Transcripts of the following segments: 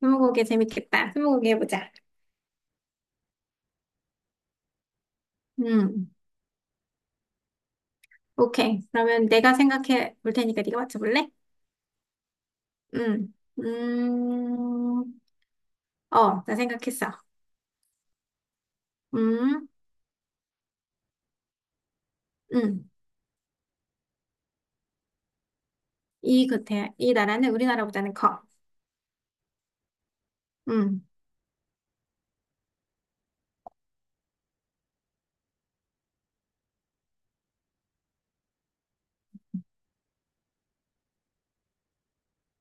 스무고개 재밌겠다. 스무고개 해보자. 음, 오케이. 그러면 내가 생각해 볼 테니까 네가 맞춰볼래? 음, 음, 나 생각했어. 음, 음. 이 나라는 우리나라보다는 커. 음,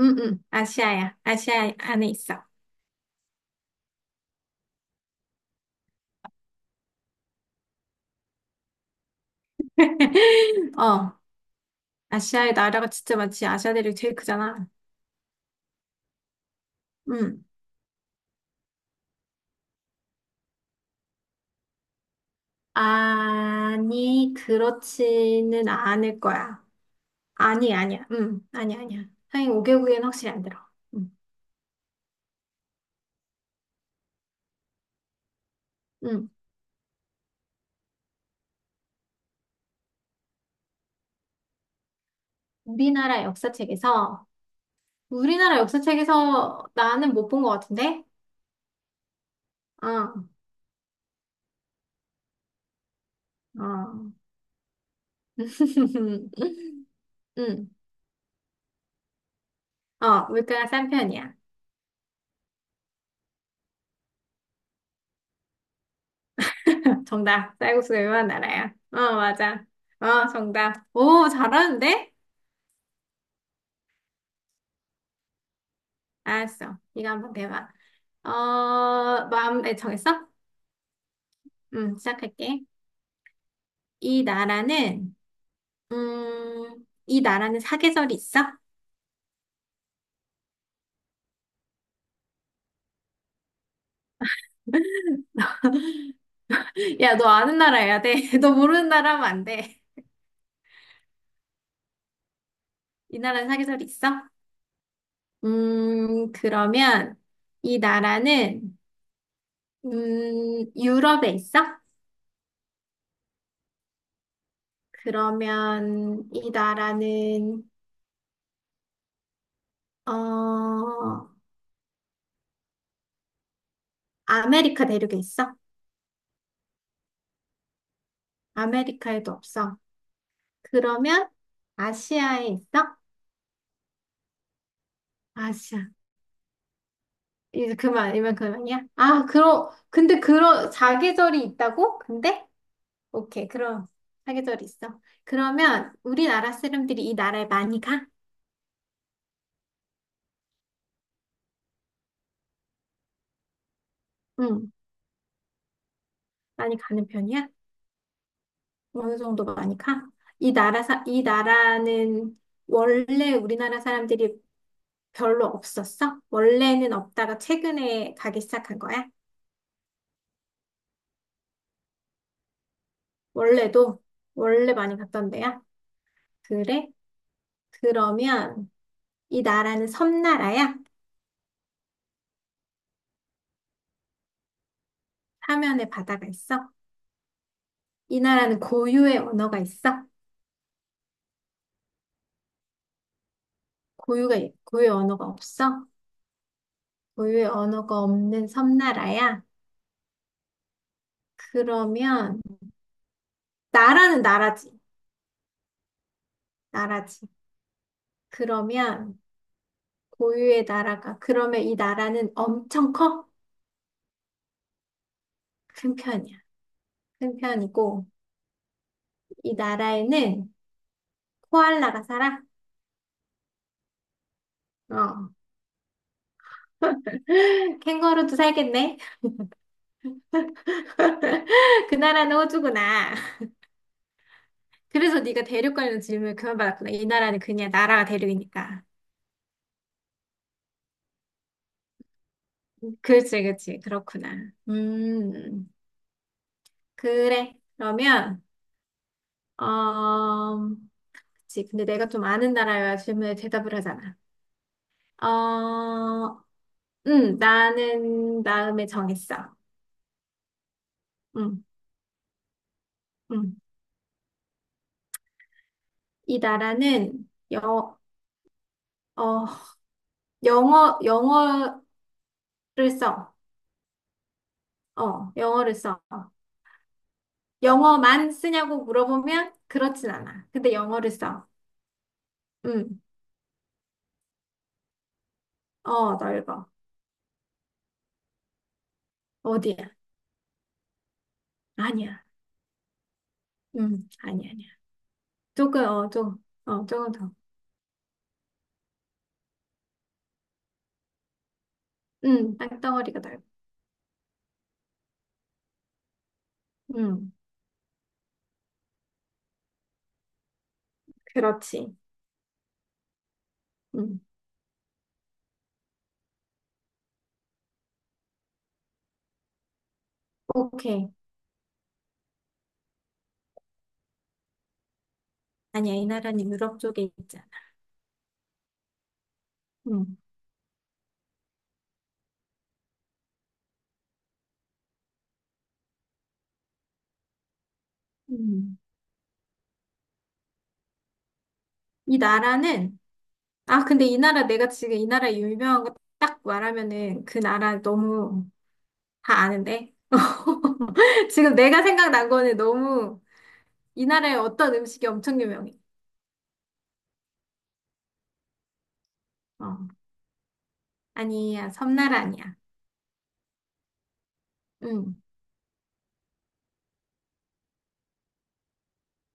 아시아야. 아시아 안에 있어. 어, 아시아의 나라가 진짜 많지. 아시아 대륙이 제일 크잖아. 음. 아니, 그렇지는 않을 거야. 아니, 아니야. 아니, 아니야. 상위 5개국에는 확실히 안 들어. 음, 음. 우리나라 역사책에서, 우리나라 역사책에서 나는 못 본 것 같은데? 어, 어. 음, 어, 물가가 싼 편이야. 정답. 쌀국수 유명한 나라야. 어, 맞아. 어, 정답. 오, 잘하는데? 알았어. 이거 한번 내봐. 어, 마음에 정했어? 시작할게. 이 나라는, 이 나라는 사계절이 있어? 야, 너 아는 나라 해야 돼. 너 모르는 나라 하면 안 돼. 이 나라는 사계절이 있어? 그러면 이 나라는, 유럽에 있어? 그러면 이 나라는, 어, 아메리카 대륙에 있어? 아메리카에도 없어. 그러면 아시아에 있어? 아시아. 이만 그만이야? 근데 사계절이 있다고? 근데? 오케이, 그럼 사계절 있어. 그러면 우리나라 사람들이 이 나라에 많이 가? 응, 많이 가는 편이야? 어느 정도 많이 가? 이 나라는 원래 우리나라 사람들이 별로 없었어? 원래는 없다가 최근에 가기 시작한 거야? 원래도 원래 많이 갔던 데야? 그래? 그러면 이 나라는 섬나라야? 사면에 바다가 있어? 이 나라는 고유의 언어가 있어? 고유가 고유의 언어가 없어? 고유의 언어가 없는 섬나라야? 그러면 나라는 나라지. 나라지. 그러면 고유의 나라가 그러면 이 나라는 엄청 커? 큰 편이야. 큰 편이고 이 나라에는 코알라가 살아? 어. 캥거루도 살겠네. 그 나라는 호주구나. 그래서 네가 대륙 관련 질문을 그만받았구나. 이 나라는 그냥 나라가 대륙이니까. 그렇지, 그렇지. 그렇구나. 그래. 그러면 어, 그치. 근데 내가 좀 아는 나라여야 질문에 대답을 하잖아. 어, 나는 마음에 정했어. 음, 음. 이 나라는 어, 영어를 써. 어, 영어를 써. 영어만 쓰냐고 물어보면 그렇진 않아. 근데 영어를 써. 음, 어, 넓어. 어디야? 아니야. 아니야, 아니야. 조금, 어, 좀, 어, 조금 더. 땅덩어리가 넓어. 음, 그렇지. 음, 오케이. 아니야, 이 나라는 유럽 쪽에 있잖아. 음, 음. 이 나라는, 내가 지금 이 나라 유명한 거 딱 말하면은 그 나라 너무 다 아는데? 지금 내가 생각난 거는 너무 이 나라의 어떤 음식이 엄청 유명해. 어, 아니야, 섬나라 아니야. 음,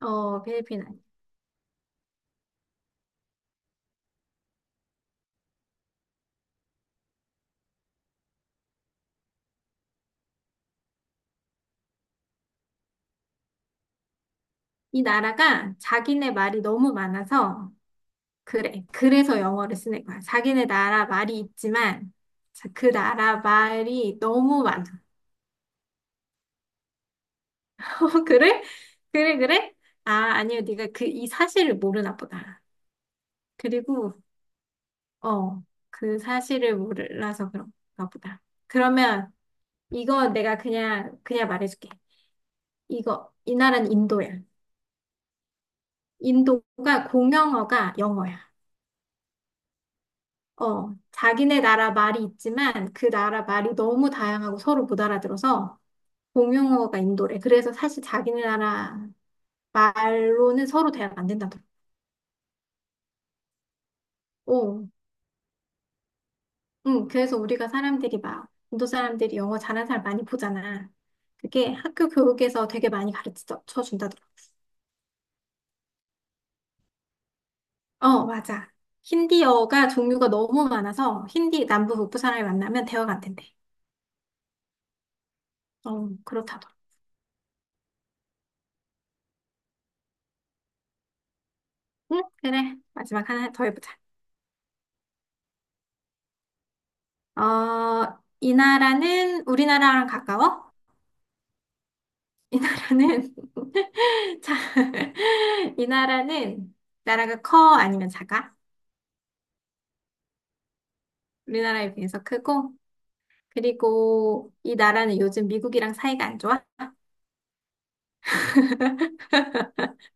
어, 필리핀 아니야. 이 나라가 자기네 말이 너무 많아서 그래. 그래서 영어를 쓰는 거야. 자기네 나라 말이 있지만, 자, 그 나라 말이 너무 많아. 어, 그래? 그래, 그래? 아, 아니요. 네가 그 이 사실을 모르나 보다. 그리고, 어, 그 사실을 몰라서 그런가 보다. 그러면 이거 내가 그냥 말해줄게. 이 나라는 인도야. 인도가 공용어가 영어야. 어, 자기네 나라 말이 있지만 그 나라 말이 너무 다양하고 서로 못 알아들어서 공용어가 인도래. 그래서 사실 자기네 나라 말로는 서로 대화가 안 된다더라고. 어, 응, 그래서 우리가 사람들이 막 인도 사람들이 영어 잘하는 사람 많이 보잖아. 그게 학교 교육에서 되게 많이 가르쳐 준다더라고. 어, 맞아. 힌디어가 종류가 너무 많아서 힌디 남부 북부 사람이 만나면 대화가 안 된대. 어, 그렇다더라고. 응, 그래. 마지막 하나 더 해보자. 어, 이 나라는 우리나라랑 가까워? 이 나라는 자, 이 나라는 나라가 커 아니면 작아? 우리나라에 비해서 크고 그리고 이 나라는 요즘 미국이랑 사이가 안 좋아?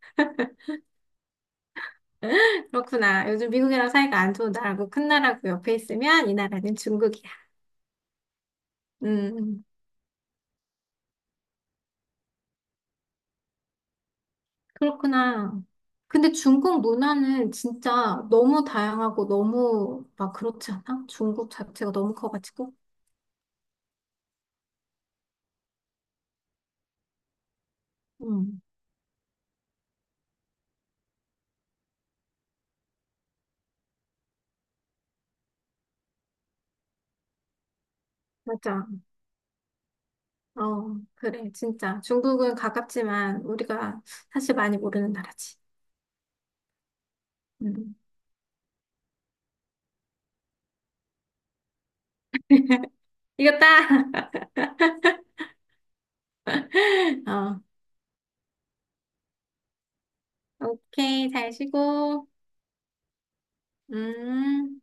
그렇구나. 요즘 미국이랑 사이가 안 좋은 나라고 큰 나라고 옆에 있으면 이 나라는 중국이야. 음. 그렇구나. 근데 중국 문화는 진짜 너무 다양하고 너무 막 그렇지 않아? 중국 자체가 너무 커가지고. 응, 맞아. 어, 그래, 진짜. 중국은 가깝지만 우리가 사실 많이 모르는 나라지. 음. 이겼다! 어, 오케이, 잘 쉬고. 음.